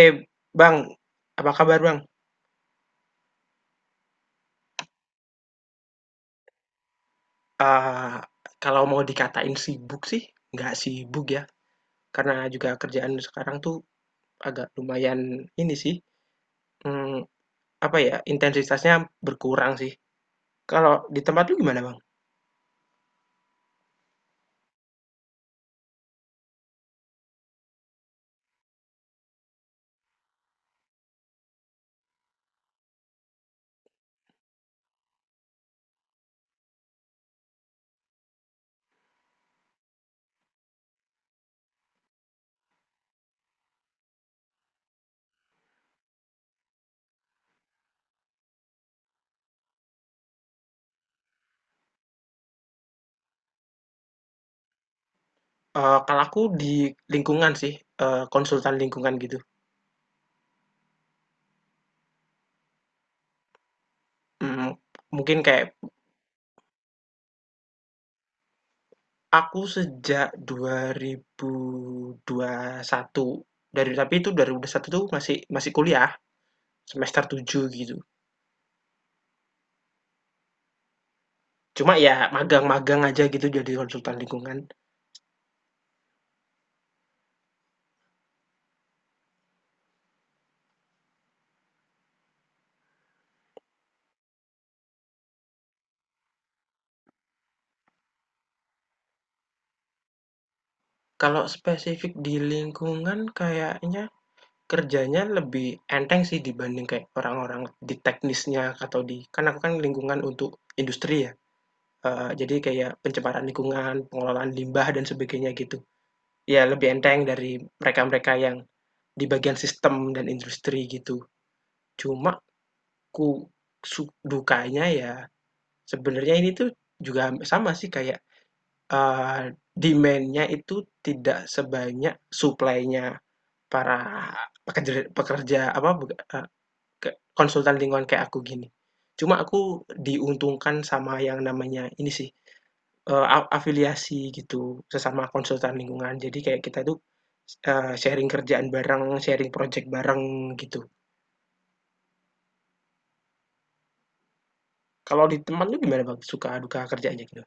Eh, Bang, apa kabar, Bang? Eee, kalau mau dikatain sibuk sih, nggak sibuk ya, karena juga kerjaan sekarang tuh agak lumayan ini sih, mmm, apa ya, intensitasnya berkurang sih. Kalau di tempat lu gimana, Bang? Eee, kalau aku di lingkungan sih, konsultan lingkungan gitu, mhm, mungkin kayak aku sejak 2021 dari tapi itu dua ribu dua puluh satu tuh masih masih kuliah semester 7 gitu. Cuma ya magang-magang aja gitu jadi konsultan lingkungan. Kalau spesifik di lingkungan kayaknya kerjanya lebih enteng sih dibanding kayak orang-orang di teknisnya atau di kan aku kan lingkungan untuk industri ya, jadi kayak pencemaran lingkungan, pengelolaan limbah dan sebagainya gitu. Ya lebih enteng dari mereka-mereka yang di bagian sistem dan industri gitu. Cuma ku su dukanya ya sebenarnya ini tuh juga sama sih kayak Eee, demand-nya itu tidak sebanyak supply-nya para pekerja pekerja apa, konsultan lingkungan kayak aku gini. Cuma aku diuntungkan sama yang namanya ini sih, eee, afiliasi gitu, sesama konsultan lingkungan. Jadi kayak kita tuh, sharing kerjaan bareng, sharing project bareng gitu. Kalau di teman lu gimana Bang, suka duka kerjaannya gitu?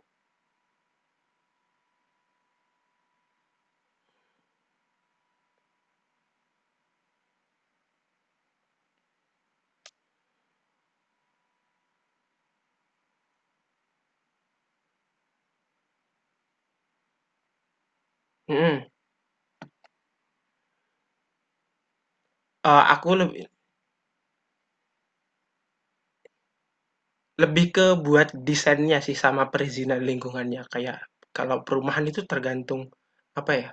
Mhm, aku lebih Lebih ke buat desainnya sih sama perizinan lingkungannya, kayak kalau perumahan itu tergantung, apa ya,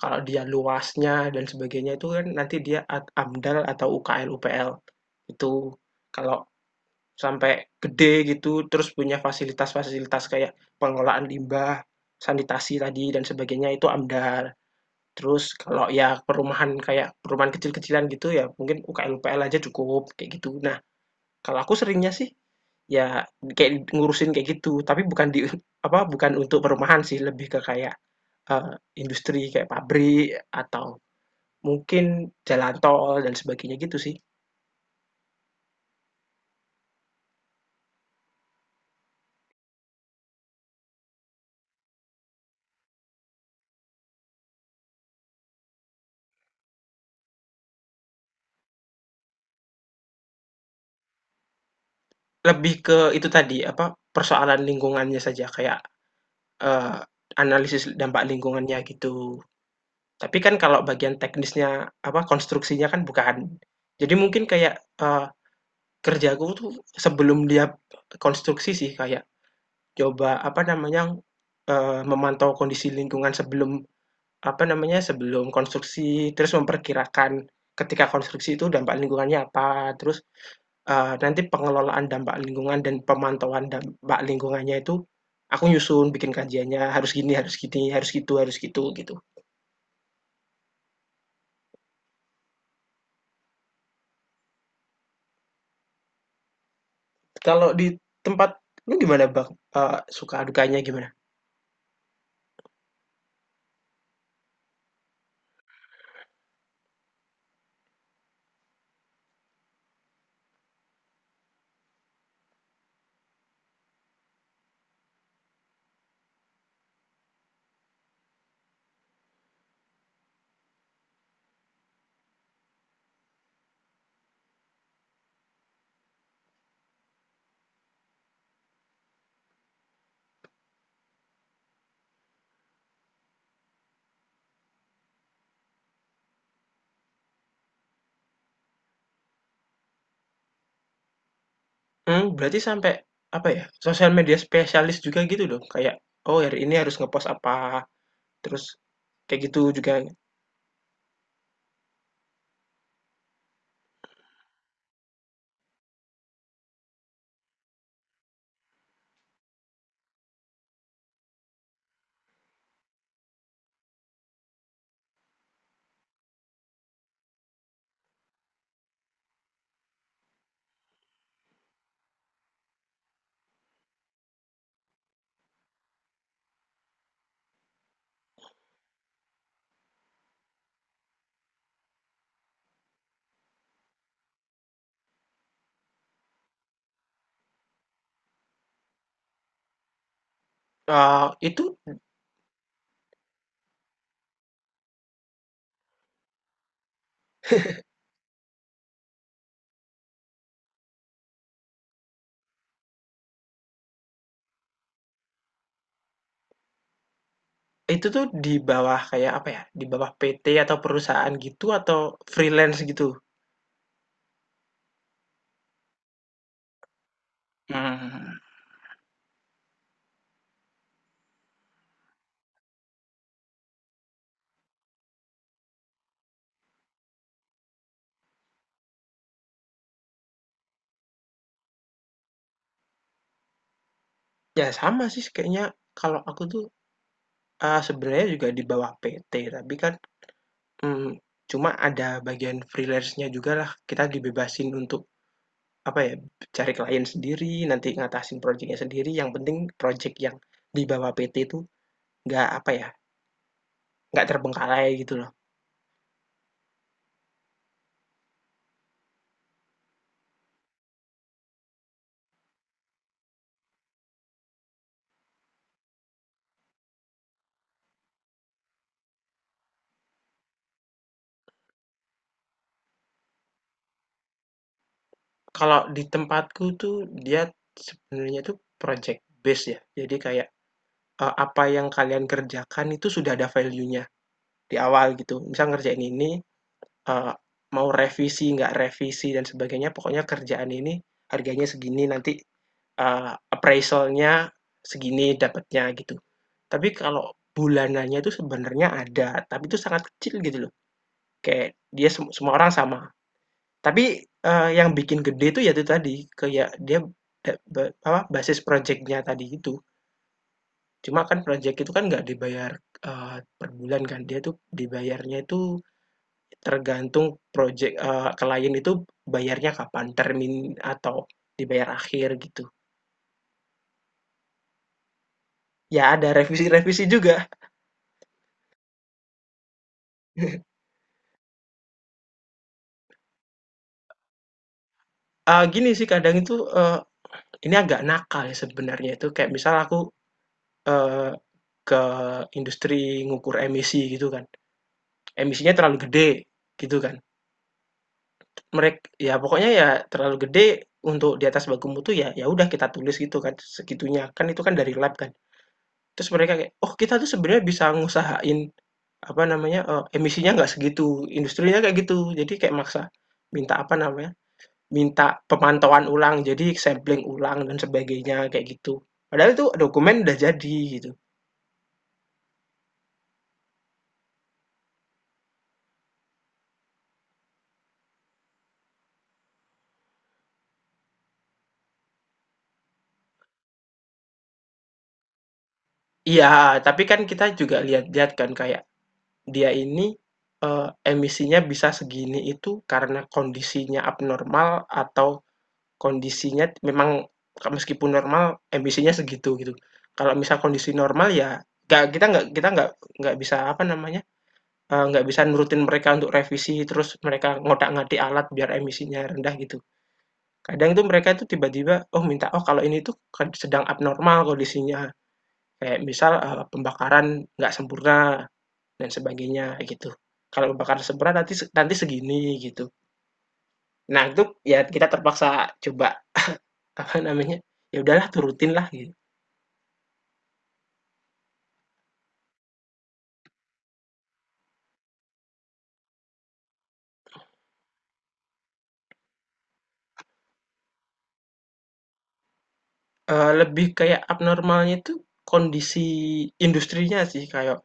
kalau dia luasnya dan sebagainya itu kan nanti dia at AMDAL atau UKL-UPL. Itu kalau sampai gede gitu terus punya fasilitas-fasilitas kayak pengelolaan limbah, sanitasi tadi dan sebagainya itu AMDAL. Terus kalau ya perumahan kayak perumahan kecil-kecilan gitu ya mungkin UKL-UPL aja cukup, kayak gitu. Nah, kalau aku seringnya sih ya, kayak ngurusin kayak gitu, tapi bukan di apa, bukan untuk perumahan sih, lebih ke kayak, eee, industri kayak pabrik atau mungkin jalan tol dan sebagainya gitu sih. Lebih ke itu tadi, apa, persoalan lingkungannya saja kayak, eee, analisis dampak lingkungannya gitu. Tapi kan kalau bagian teknisnya, apa, konstruksinya kan bukan. Jadi mungkin kayak, kerjaku tuh sebelum dia konstruksi sih, kayak coba apa namanya, memantau kondisi lingkungan sebelum apa namanya, sebelum konstruksi, terus memperkirakan ketika konstruksi itu dampak lingkungannya apa, terus, nanti pengelolaan dampak lingkungan dan pemantauan dampak lingkungannya itu aku nyusun, bikin kajiannya, harus gini harus gini, harus gitu, gitu. Kalau di tempat lu gimana, Bang? Eee, suka dukanya gimana? Hmm berarti sampai apa ya, sosial media spesialis juga gitu dong? Kayak, oh hari ini harus ngepost apa terus kayak gitu juga, eee, itu itu tuh di bawah kayak apa ya, di bawah PT atau perusahaan gitu atau freelance gitu? Mhm mhm. Ya sama sih kayaknya kalau aku tuh, sebenarnya juga di bawah PT tapi kan, mmm, cuma ada bagian freelance-nya juga lah kita dibebasin untuk apa ya, cari klien sendiri, nanti ngatasin projeknya sendiri, yang penting projek yang di bawah PT itu nggak apa ya, nggak terbengkalai gitu loh. Kalau di tempatku tuh dia sebenarnya tuh project based ya. Jadi kayak, apa yang kalian kerjakan itu sudah ada value-nya di awal gitu. Misal ngerjain ini, eee, mau revisi, nggak revisi dan sebagainya, pokoknya kerjaan ini harganya segini, nanti, appraisal segini dapatnya gitu. Tapi kalau bulanannya itu sebenarnya ada, tapi itu sangat kecil gitu loh. Kayak dia semua orang sama tapi, yang bikin gede itu ya itu tadi, kayak dia da ba apa, basis projeknya tadi itu. Cuma kan projek itu kan nggak dibayar, per bulan kan, dia tuh dibayarnya itu tergantung projek klien itu bayarnya kapan, termin atau dibayar akhir gitu. Ya ada revisi-revisi juga. Eee, gini sih kadang itu, eee, ini agak nakal ya sebenarnya itu kayak misal aku, eee, ke industri ngukur emisi gitu kan. Emisinya terlalu gede, gitu kan. Mereka ya pokoknya ya terlalu gede untuk di atas baku mutu ya ya udah kita tulis gitu kan, segitunya. Kan itu kan dari lab kan. Terus mereka kayak, "Oh, kita tuh sebenarnya bisa ngusahain, apa namanya, emisinya nggak segitu." Industrinya kayak gitu. Jadi kayak maksa minta, apa namanya, minta pemantauan ulang, jadi sampling ulang dan sebagainya, kayak gitu. Padahal itu dokumen udah jadi, gitu. Iya, tapi kan kita juga lihat-lihat kan kayak dia ini, emisinya bisa segini itu karena kondisinya abnormal atau kondisinya memang meskipun normal emisinya segitu gitu. Kalau misal kondisi normal ya nggak kita nggak kita nggak bisa apa namanya, eee, nggak bisa nurutin mereka untuk revisi terus mereka ngotak-ngatik alat biar emisinya rendah gitu. Kadang itu mereka itu tiba-tiba, oh minta, "Oh kalau ini tuh kan sedang abnormal kondisinya," kayak misal, pembakaran nggak sempurna dan sebagainya gitu. Kalau bakar seberat nanti nanti segini gitu. Nah, itu ya kita terpaksa coba apa namanya? Ya udahlah turutin lah gitu. Lebih kayak abnormalnya itu kondisi industrinya sih kayak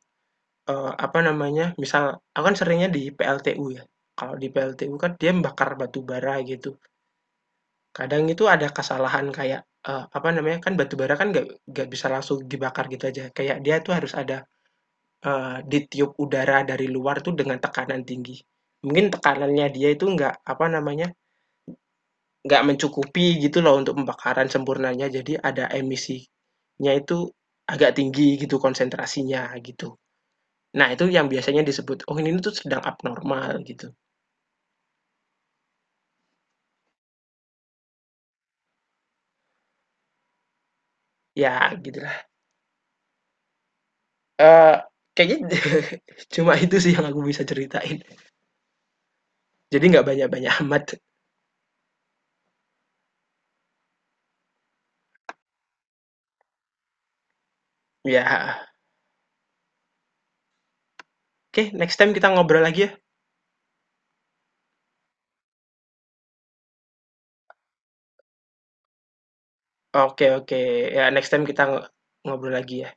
apa namanya? Misal aku kan seringnya di PLTU ya. Kalau di PLTU kan dia membakar batu bara gitu. Kadang itu ada kesalahan kayak apa namanya? Kan batu bara kan gak bisa langsung dibakar gitu aja. Kayak dia tuh harus ada ditiup udara dari luar tuh dengan tekanan tinggi. Mungkin tekanannya dia itu nggak, apa namanya, nggak mencukupi gitu loh untuk pembakaran sempurnanya, jadi ada emisinya itu agak tinggi gitu konsentrasinya, gitu. Nah, itu yang biasanya disebut, "Oh, ini tuh sedang abnormal," gitu. Ya gitulah, eee, kayaknya cuma itu sih yang aku bisa ceritain. Jadi nggak banyak-banyak amat. Ya, heeh. Oke, okay, next time kita ngobrol lagi ya. Oke okay, oke, okay. Ya next time kita ngobrol lagi ya.